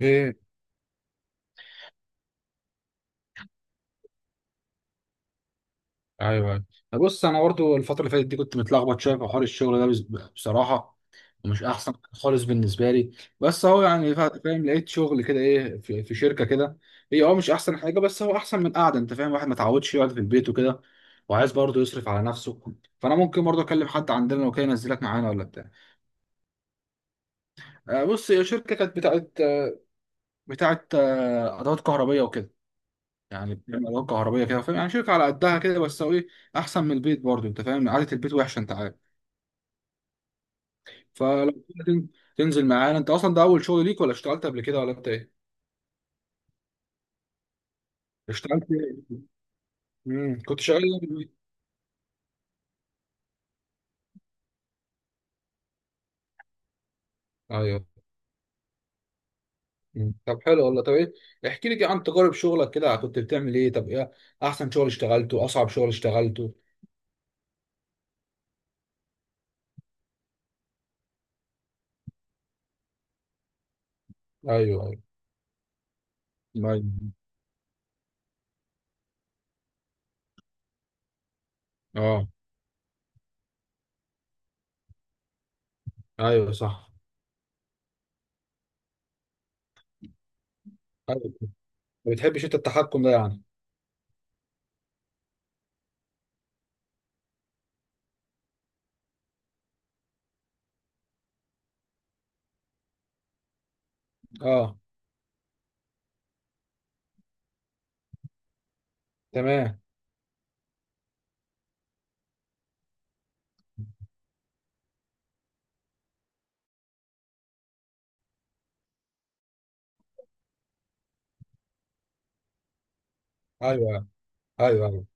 ايه. ايوه، ايوه، بص انا برضو الفتره اللي فاتت دي كنت متلخبط شويه في حوار الشغل ده بصراحه. ومش احسن خالص بالنسبه لي. بس هو يعني فاهم لقيت شغل كده ايه في شركه كده. هي مش احسن حاجه. بس هو احسن من قاعده انت فاهم. واحد ما اتعودش يقعد في البيت وكده، وعايز برضه يصرف على نفسه. فانا ممكن برضه اكلم حد عندنا لو كان ينزلك معانا ولا بتاع. بص هي شركه كانت بتاعت ادوات كهربيه وكده. يعني بتعمل علاقة كهربية كده فاهم. يعني شركة على قدها كده بس هو ايه، أحسن من البيت برضه. أنت فاهم قعدة البيت وحشة أنت عارف. فلو كده تنزل معانا. أنت أصلا ده أول شغل ليك، ولا اشتغلت قبل كده، ولا أنت إيه؟ اشتغلت إيه؟ مم. كنت شغال إيه في البيت؟ أيوه. مم. طب حلو والله. طب إيه، احكي لي كده عن تجارب شغلك كده. كنت بتعمل إيه؟ طب إيه، أحسن شغل اشتغلته، أصعب شغل اشتغلته؟ أيوه. أيوه. أيوه. أه. أيوه صح. أيوه، ما بتحبش أنت التحكم ده يعني. أه. تمام. أيوه. أيوه. أيوه.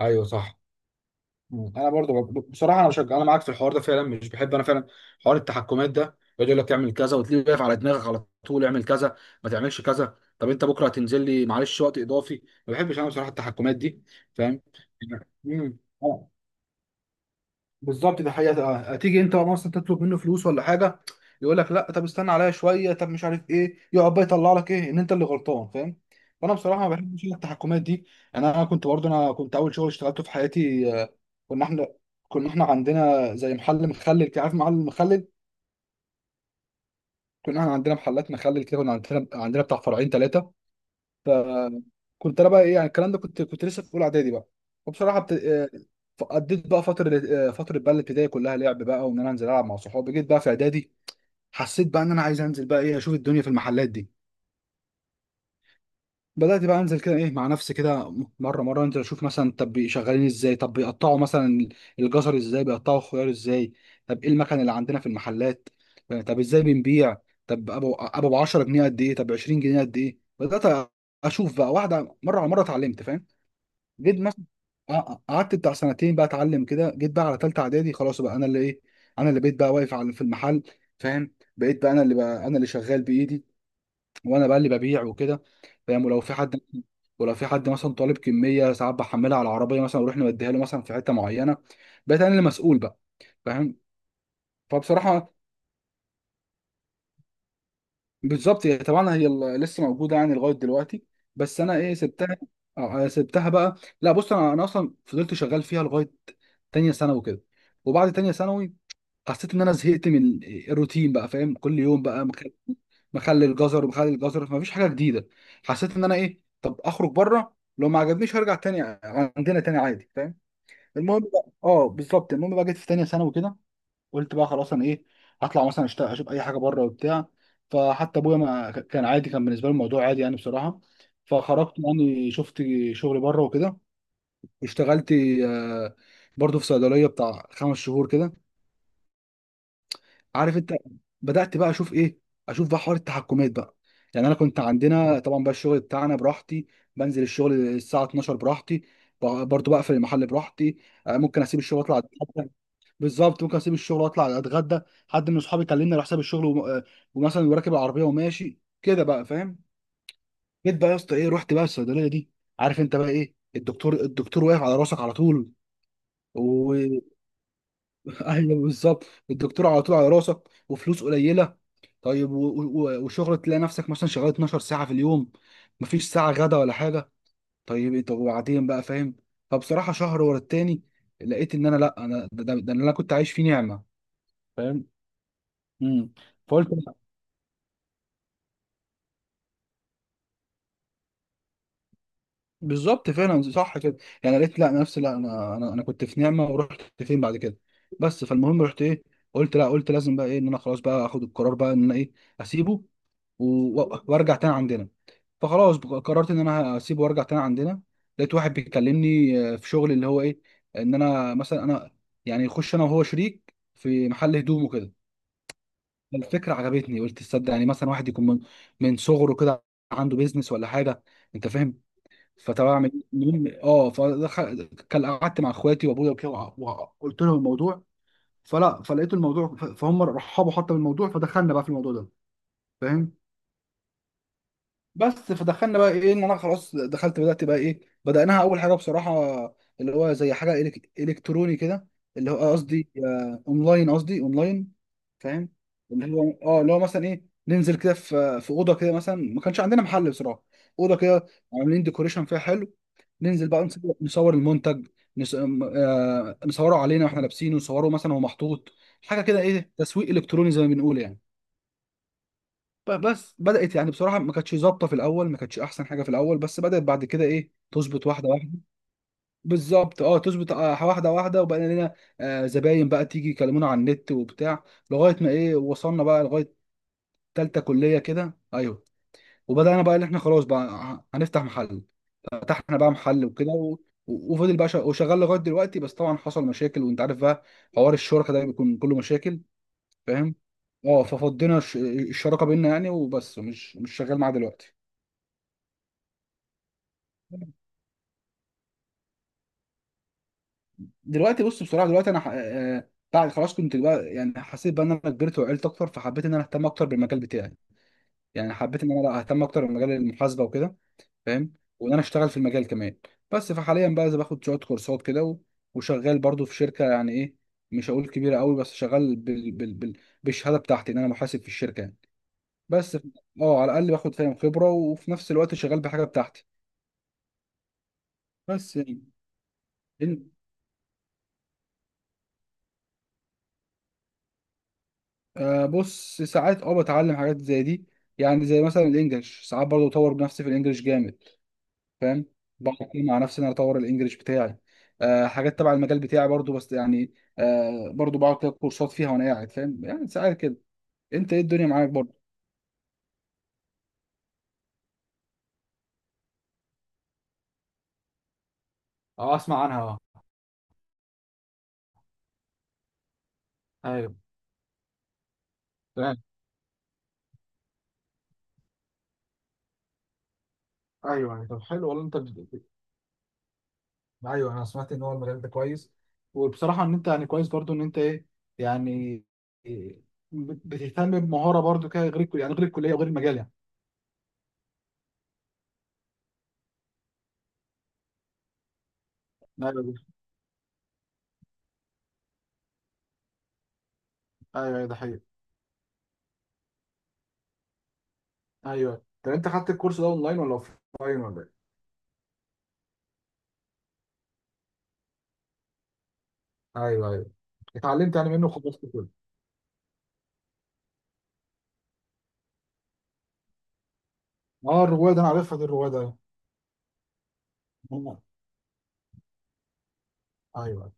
أيوه صح. مم. انا برضو بصراحه انا بشجع، انا معاك في الحوار ده فعلا. مش بحب انا فعلا حوار التحكمات ده. يقعد يقول لك اعمل كذا، وتلاقيه واقف على دماغك على طول. اعمل كذا، ما تعملش كذا. طب انت بكره هتنزل لي معلش وقت اضافي. ما بحبش انا بصراحه التحكمات دي. فاهم. مم. اه. بالظبط دي حقيقة. اه تيجي انت مثلا تطلب منه فلوس ولا حاجة، يقول لك لا طب استنى عليا شوية. طب مش عارف ايه، يقعد بقى يطلع لك ايه ان انت اللي غلطان فاهم. فانا بصراحة ما بحبش التحكمات دي. يعني انا كنت اول شغل اشتغلته في حياتي. كنا احنا كنا احنا عندنا زي محل مخلل كده، عارف محل المخلل. كنا احنا عندنا محلات مخلل كده. كنا عندنا بتاع فرعين ثلاثة. فكنت انا بقى ايه يعني الكلام ده، كنت لسه في اولى اعدادي بقى. وبصراحه بت... آه، قضيت بقى فتره، فتره بقى الابتدائي كلها لعب بقى، وان انا انزل العب مع صحابي. جيت بقى في اعدادي. حسيت بقى ان انا عايز انزل بقى ايه، اشوف الدنيا في المحلات دي. بدات بقى انزل كده ايه مع نفسي كده، مره مره انزل اشوف مثلا طب شغالين ازاي، طب بيقطعوا مثلا الجزر ازاي، بيقطعوا الخيار ازاي، طب ايه المكان اللي عندنا في المحلات، يعني طب ازاي بنبيع، طب ابو 10 جنيه قد ايه، طب 20 جنيه قد ايه. بدات اشوف بقى، واحده مره على مره اتعلمت فاهم. جيت مثلا قعدت بتاع سنتين بقى اتعلم كده. جيت بقى على تالتة اعدادي خلاص بقى. انا اللي ايه، انا اللي بقيت بقى واقف على في المحل فاهم. بقيت بقى انا اللي شغال بايدي، وانا بقى اللي ببيع وكده فاهم. ولو في حد مثلا طالب كمية، ساعات بحملها على العربية مثلا واروح نوديها له مثلا في حتة معينة. بقيت انا اللي مسؤول بقى فاهم. فبصراحة. بالظبط، هي طبعا لسه موجوده يعني لغايه دلوقتي. بس انا ايه سبتها؟ سبتها بقى، لا بص، انا اصلا فضلت شغال فيها لغايه تانية ثانوي كده. وبعد تانية ثانوي، حسيت ان انا زهقت من الروتين بقى فاهم. كل يوم بقى مخلي، مخلي الجزر ومخلي الجزر، فمفيش حاجه جديده. حسيت ان انا ايه، طب اخرج بره لو ما عجبنيش هرجع تاني. عندنا تاني عادي فاهم. المهم بقى. اه، بالظبط. المهم بقى جيت في تانية ثانوي كده. قلت بقى خلاص، انا ايه، هطلع مثلا اشتغل اشوف اي حاجه بره وبتاع. فحتى ابويا ما كان عادي، كان بالنسبه له الموضوع عادي يعني بصراحه. فخرجت يعني شفت شغل بره وكده، اشتغلت آه، برضه في صيدليه بتاع 5 شهور كده، عارف انت. بدات بقى اشوف ايه، اشوف بقى حوار التحكمات بقى. يعني انا كنت عندنا طبعا بقى الشغل بتاعنا براحتي، بنزل الشغل الساعه 12 براحتي، برضه بقفل المحل براحتي. ممكن اسيب الشغل اطلع. بالظبط، ممكن اسيب الشغل واطلع اتغدى. حد من اصحابي كلمني على حساب الشغل وم... آه، ومثلا وراكب العربيه وماشي كده بقى فاهم. جيت بقى يا اسطى ايه، رحت بقى الصيدليه دي عارف انت بقى ايه، الدكتور واقف على راسك على طول و ايوه بالظبط، الدكتور على طول على راسك، وفلوس قليله. طيب وشغل تلاقي نفسك مثلا شغال 12 ساعه في اليوم، مفيش ساعه غدا ولا حاجه. طب وبعدين بقى فاهم. فبصراحه شهر ورا التاني. لقيت ان انا لا، انا ده اللي انا كنت عايش فيه نعمه فاهم. امم. فقلت. بالظبط فعلا صح كده. يعني قالت لا نفسي، لا انا كنت في نعمه، ورحت فين بعد كده؟ بس فالمهم رحت ايه، قلت لا، قلت لازم بقى ايه ان انا خلاص بقى اخد القرار بقى ان انا ايه، اسيبه وارجع تاني عندنا. فخلاص قررت ان انا هسيبه وارجع تاني عندنا. لقيت واحد بيكلمني في شغل اللي هو ايه، ان انا مثلا انا يعني يخش انا وهو شريك في محل هدوم وكده. الفكره عجبتني، قلت تصدق يعني مثلا واحد يكون من صغره كده عنده بيزنس ولا حاجه، انت فاهم. فطبعا اعمل إيه؟ المهم فدخل كان قعدت مع اخواتي وابويا وكده وقلت لهم الموضوع. فلا، فلقيت الموضوع فهم رحبوا حتى بالموضوع. فدخلنا بقى في الموضوع ده فاهم. بس فدخلنا بقى ايه، ان انا خلاص دخلت، بدات بقى ايه بدأناها اول حاجه بصراحه، اللي هو زي حاجه الكتروني كده، اللي هو قصدي اونلاين فاهم. اللي هو مثلا ايه، ننزل كده في اوضه كده. مثلا ما كانش عندنا محل بصراحه، اوضه كده عاملين ديكوريشن فيها حلو. ننزل بقى نصور المنتج، نس... م- آه، نصوره علينا واحنا لابسينه، نصوره مثلا وهو محطوط، حاجه كده ايه، تسويق الكتروني زي ما بنقول يعني. بس بدات يعني بصراحه ما كانتش ظابطه في الاول، ما كانتش احسن حاجه في الاول، بس بدات بعد كده ايه تظبط واحده واحده. بالظبط. اه، تظبط واحده واحده. وبقى لنا زباين بقى تيجي يكلمونا على النت وبتاع، لغايه ما ايه، وصلنا بقى لغايه تالتة كليه كده. ايوه، وبدانا بقى ان احنا خلاص بقى هنفتح محل. فتحنا بقى محل وكده وفضل بقى وشغال لغايه دلوقتي. بس طبعا حصل مشاكل وانت عارف بقى. حوار الشركه ده بيكون كله مشاكل. فاهم. اه، ففضينا الشراكه بينا يعني وبس، مش شغال معاه دلوقتي. دلوقتي بص بصراحه، دلوقتي انا بعد خلاص كنت بقى يعني حسيت بقى ان انا كبرت وعقلت اكتر، فحبيت ان انا اهتم اكتر بالمجال بتاعي. يعني حبيت ان انا لا اهتم اكتر بمجال المحاسبه وكده فاهم. وان انا اشتغل في المجال كمان. بس فحاليا بقى زي باخد شويه كورسات كده وشغال برضو في شركه. يعني ايه، مش هقول كبيره قوي، بس شغال بالشهاده بتاعتي ان انا محاسب في الشركه يعني. بس اه على الاقل باخد فاهم خبره، وفي نفس الوقت شغال بحاجه بتاعتي. بس يعني إن... بص ساعات بتعلم حاجات زي دي. يعني زي مثلا الانجليش، ساعات برضو بطور بنفسي في الانجليش جامد فاهم. بقعد كتير مع نفسي إن انا اطور الانجليش بتاعي. حاجات تبع المجال بتاعي برضو بس يعني. برضو بقعد كده كورسات فيها وانا قاعد فاهم يعني ساعات كده. انت ايه الدنيا معاك برضو؟ اه اسمع عنها. اه. ايوه. تمام. ايوه، يعني طب حلو والله. انت ايوه، انا سمعت ان هو المجال ده كويس. وبصراحه ان انت يعني كويس برضو، ان انت ايه يعني إيه، بتهتم بمهاره برضو كده، غير الكل- يعني غير الكليه وغير المجال يعني. ايوه، ايوه، أيوة، ده حقيقي. ايوه، طب انت خدت الكورس ده اونلاين ولا اوفلاين ولا إيه؟ ايوه، ايوه، اتعلمت يعني منه خبرات كتير. اه الروايه دي انا عارفها، دي الروايه دي. ايوه. ايوه. أيوة.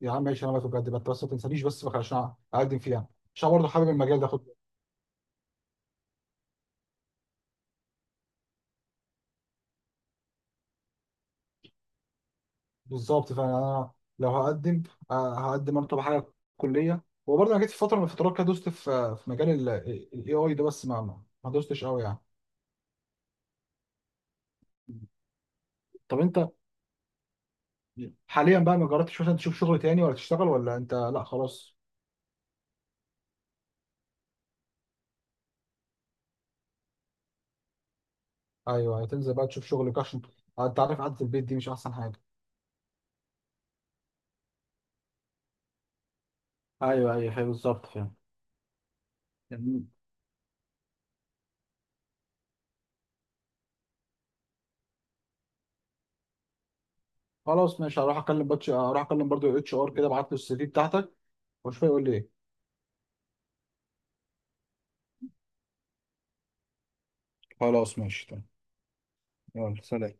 يا عم ماشي، انا بقى بجد بقى بس ما تنسانيش بس بقى عشان اقدم فيها، عشان برضه حابب المجال ده خد. بالظبط، فانا لو هقدم انا طبعا حاجه كليه. وبرضه انا جيت في فتره من الفترات كده دوست في مجال الاي اي ده، بس ما دوستش قوي يعني. طب انت حاليا بقى ما جربتش مثلا تشوف شغل تاني ولا تشتغل ولا انت لا خلاص؟ ايوه، تنزل بقى تشوف شغل، عشان انت عارف قعده البيت دي مش احسن حاجه. ايوه، ايوه، أيوة، بالظبط فاهم. جميل. خلاص ماشي، هروح اكلم برضو HR كده، ابعت له CV بتاعتك واشوف هيقول لي ايه. خلاص ماشي تمام. يلا سلام.